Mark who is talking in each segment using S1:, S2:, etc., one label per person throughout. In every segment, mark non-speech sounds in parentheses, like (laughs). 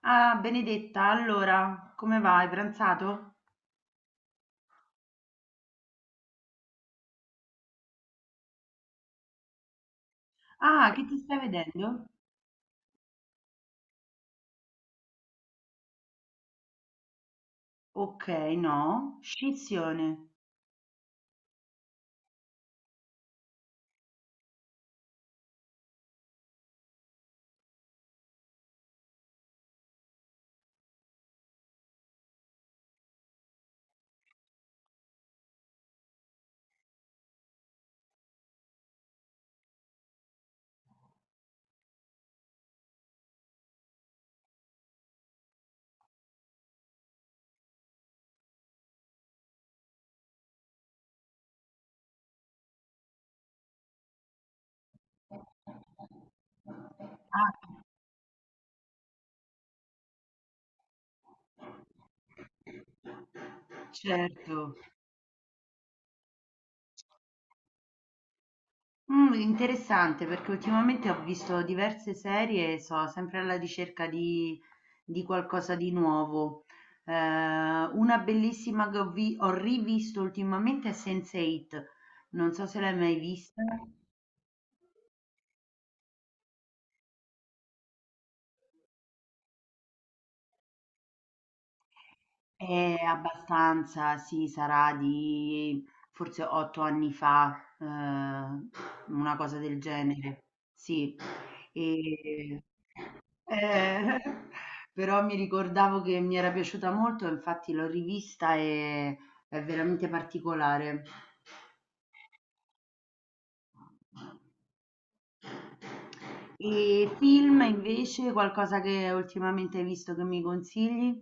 S1: Ah, Benedetta, allora, come va? Hai pranzato? Ah, che ti stai vedendo? Ok, no, scissione. Ah, certo. Mm, interessante perché ultimamente ho visto diverse serie e so sempre alla ricerca di qualcosa di nuovo. Una bellissima che ho rivisto ultimamente è Sense8. Non so se l'hai mai vista. Abbastanza, sì, sarà di forse 8 anni fa, una cosa del genere, sì. E- eh, (laughs) però mi ricordavo che mi era piaciuta molto, infatti l'ho rivista e è veramente particolare. E film invece, qualcosa che ultimamente hai visto che mi consigli?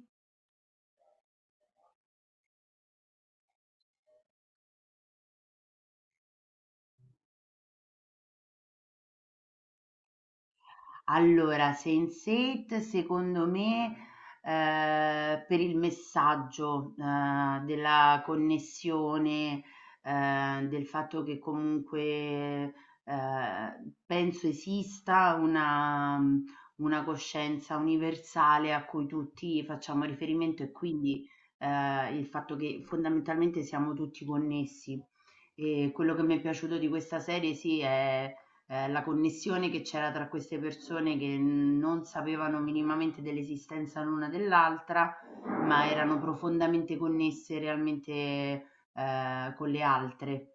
S1: Allora, Sense8 secondo me, per il messaggio, della connessione, del fatto che penso esista una una coscienza universale a cui tutti facciamo riferimento e quindi, il fatto che fondamentalmente siamo tutti connessi. E quello che mi è piaciuto di questa serie sì è la connessione che c'era tra queste persone che non sapevano minimamente dell'esistenza l'una dell'altra, ma erano profondamente connesse realmente, con le altre.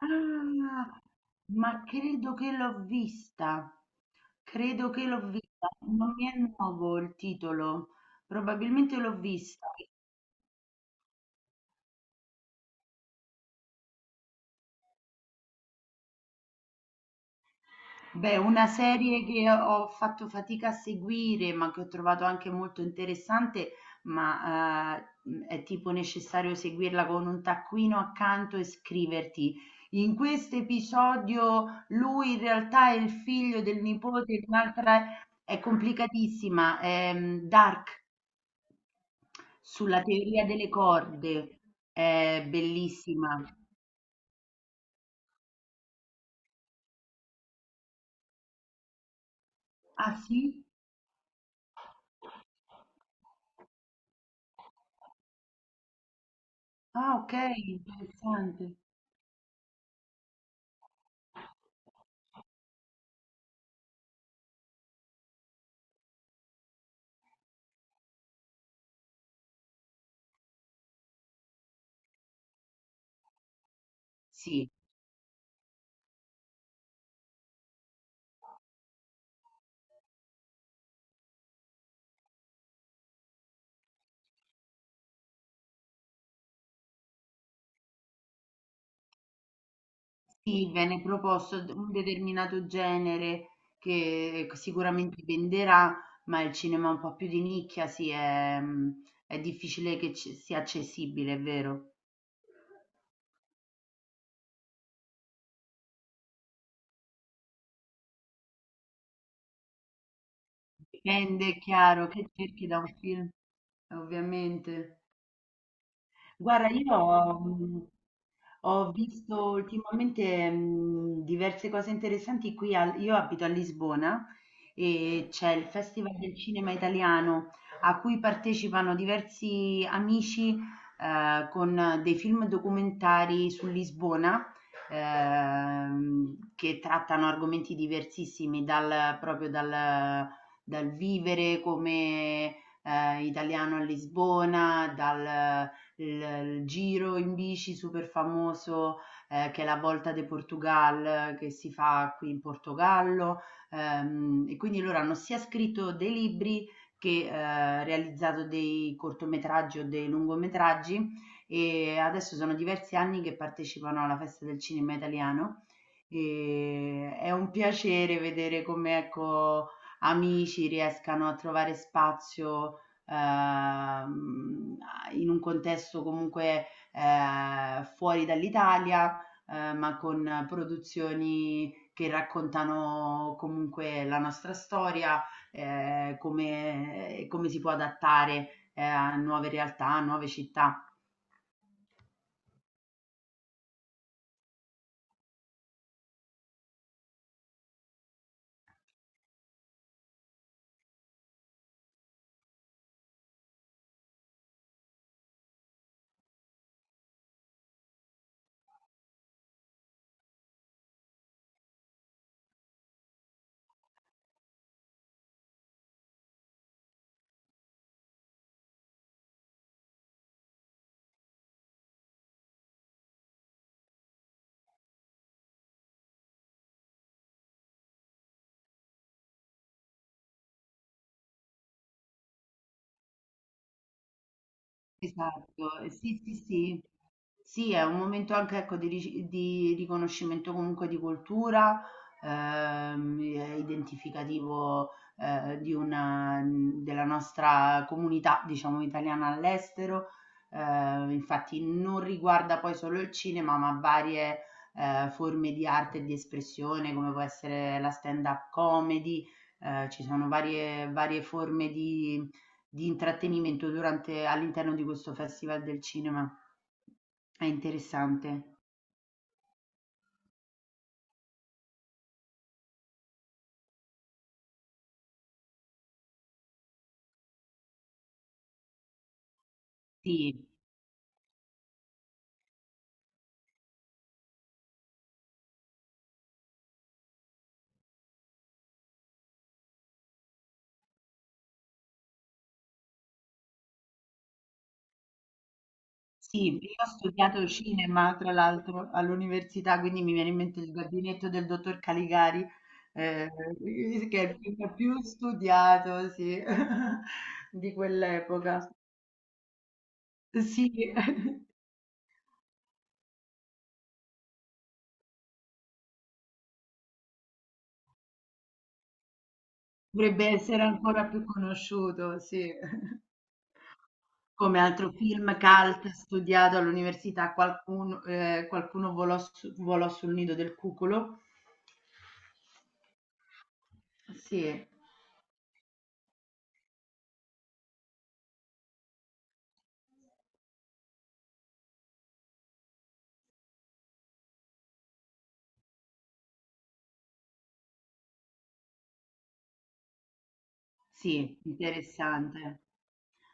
S1: Ah! Ma credo che l'ho vista, credo che l'ho vista, non mi è nuovo il titolo, probabilmente l'ho vista. Beh, una serie che ho fatto fatica a seguire, ma che ho trovato anche molto interessante, ma è tipo necessario seguirla con un taccuino accanto e scriverti. In questo episodio lui in realtà è il figlio del nipote di un'altra, è complicatissima, è Dark, sulla teoria delle corde, è bellissima. Ah sì? Ah ok, interessante. Sì. Sì, viene proposto d un determinato genere che sicuramente venderà, ma il cinema un po' più di nicchia sì, è difficile che ci sia accessibile, è vero. Dipende, è chiaro, che cerchi da un film, ovviamente. Guarda, ho visto ultimamente diverse cose interessanti qui. Io abito a Lisbona e c'è il Festival del Cinema Italiano a cui partecipano diversi amici, con dei film documentari su Lisbona, che trattano argomenti diversissimi, dal vivere come italiano a Lisbona, il, il giro in bici super famoso, che è la Volta de Portugal che si fa qui in Portogallo. Ehm, e quindi loro hanno sia scritto dei libri che realizzato dei cortometraggi o dei lungometraggi, e adesso sono diversi anni che partecipano alla Festa del Cinema Italiano. È un piacere vedere come, ecco, amici riescano a trovare spazio, a in un contesto comunque, fuori dall'Italia, ma con produzioni che raccontano comunque la nostra storia, come come si può adattare, a nuove realtà, a nuove città. Esatto, sì, sì, sì. Sì, è un momento anche, ecco, di riconoscimento comunque di cultura, è identificativo, di una della nostra comunità, diciamo, italiana all'estero. Infatti non riguarda poi solo il cinema, ma varie, forme di arte e di espressione, come può essere la stand-up comedy, ci sono varie forme di intrattenimento durante all'interno di questo Festival del cinema. È interessante. Sì, sì, io ho studiato cinema, tra l'altro, all'università, quindi mi viene in mente Il gabinetto del dottor Caligari, eh, che è il film più studiato, sì, (laughs) di quell'epoca. Sì, (laughs) dovrebbe essere ancora più conosciuto, sì. Come altro film cult studiato all'università, "Qualcuno volò su volò sul nido del cuculo". Sì, sì, interessante.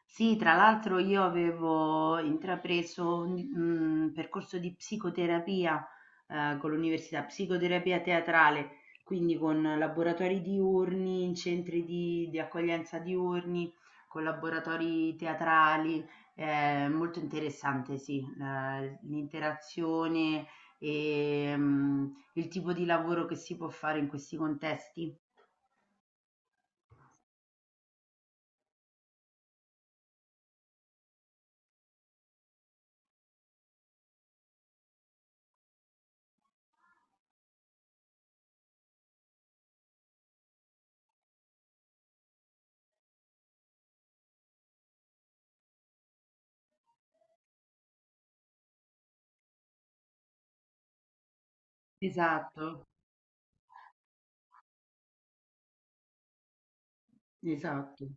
S1: Sì, tra l'altro io avevo intrapreso un percorso di psicoterapia, con l'università, psicoterapia teatrale, quindi con laboratori diurni, in centri di accoglienza diurni, con laboratori teatrali, molto interessante, sì, l'interazione e il tipo di lavoro che si può fare in questi contesti. Esatto, esatto.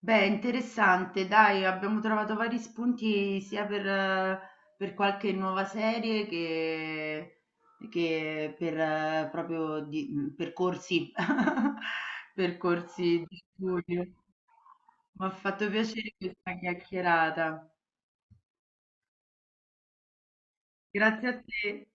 S1: Beh, interessante, dai, abbiamo trovato vari spunti sia per qualche nuova serie che per proprio percorsi, (laughs) percorsi di studio. Mi ha fatto piacere questa chiacchierata. Grazie a te.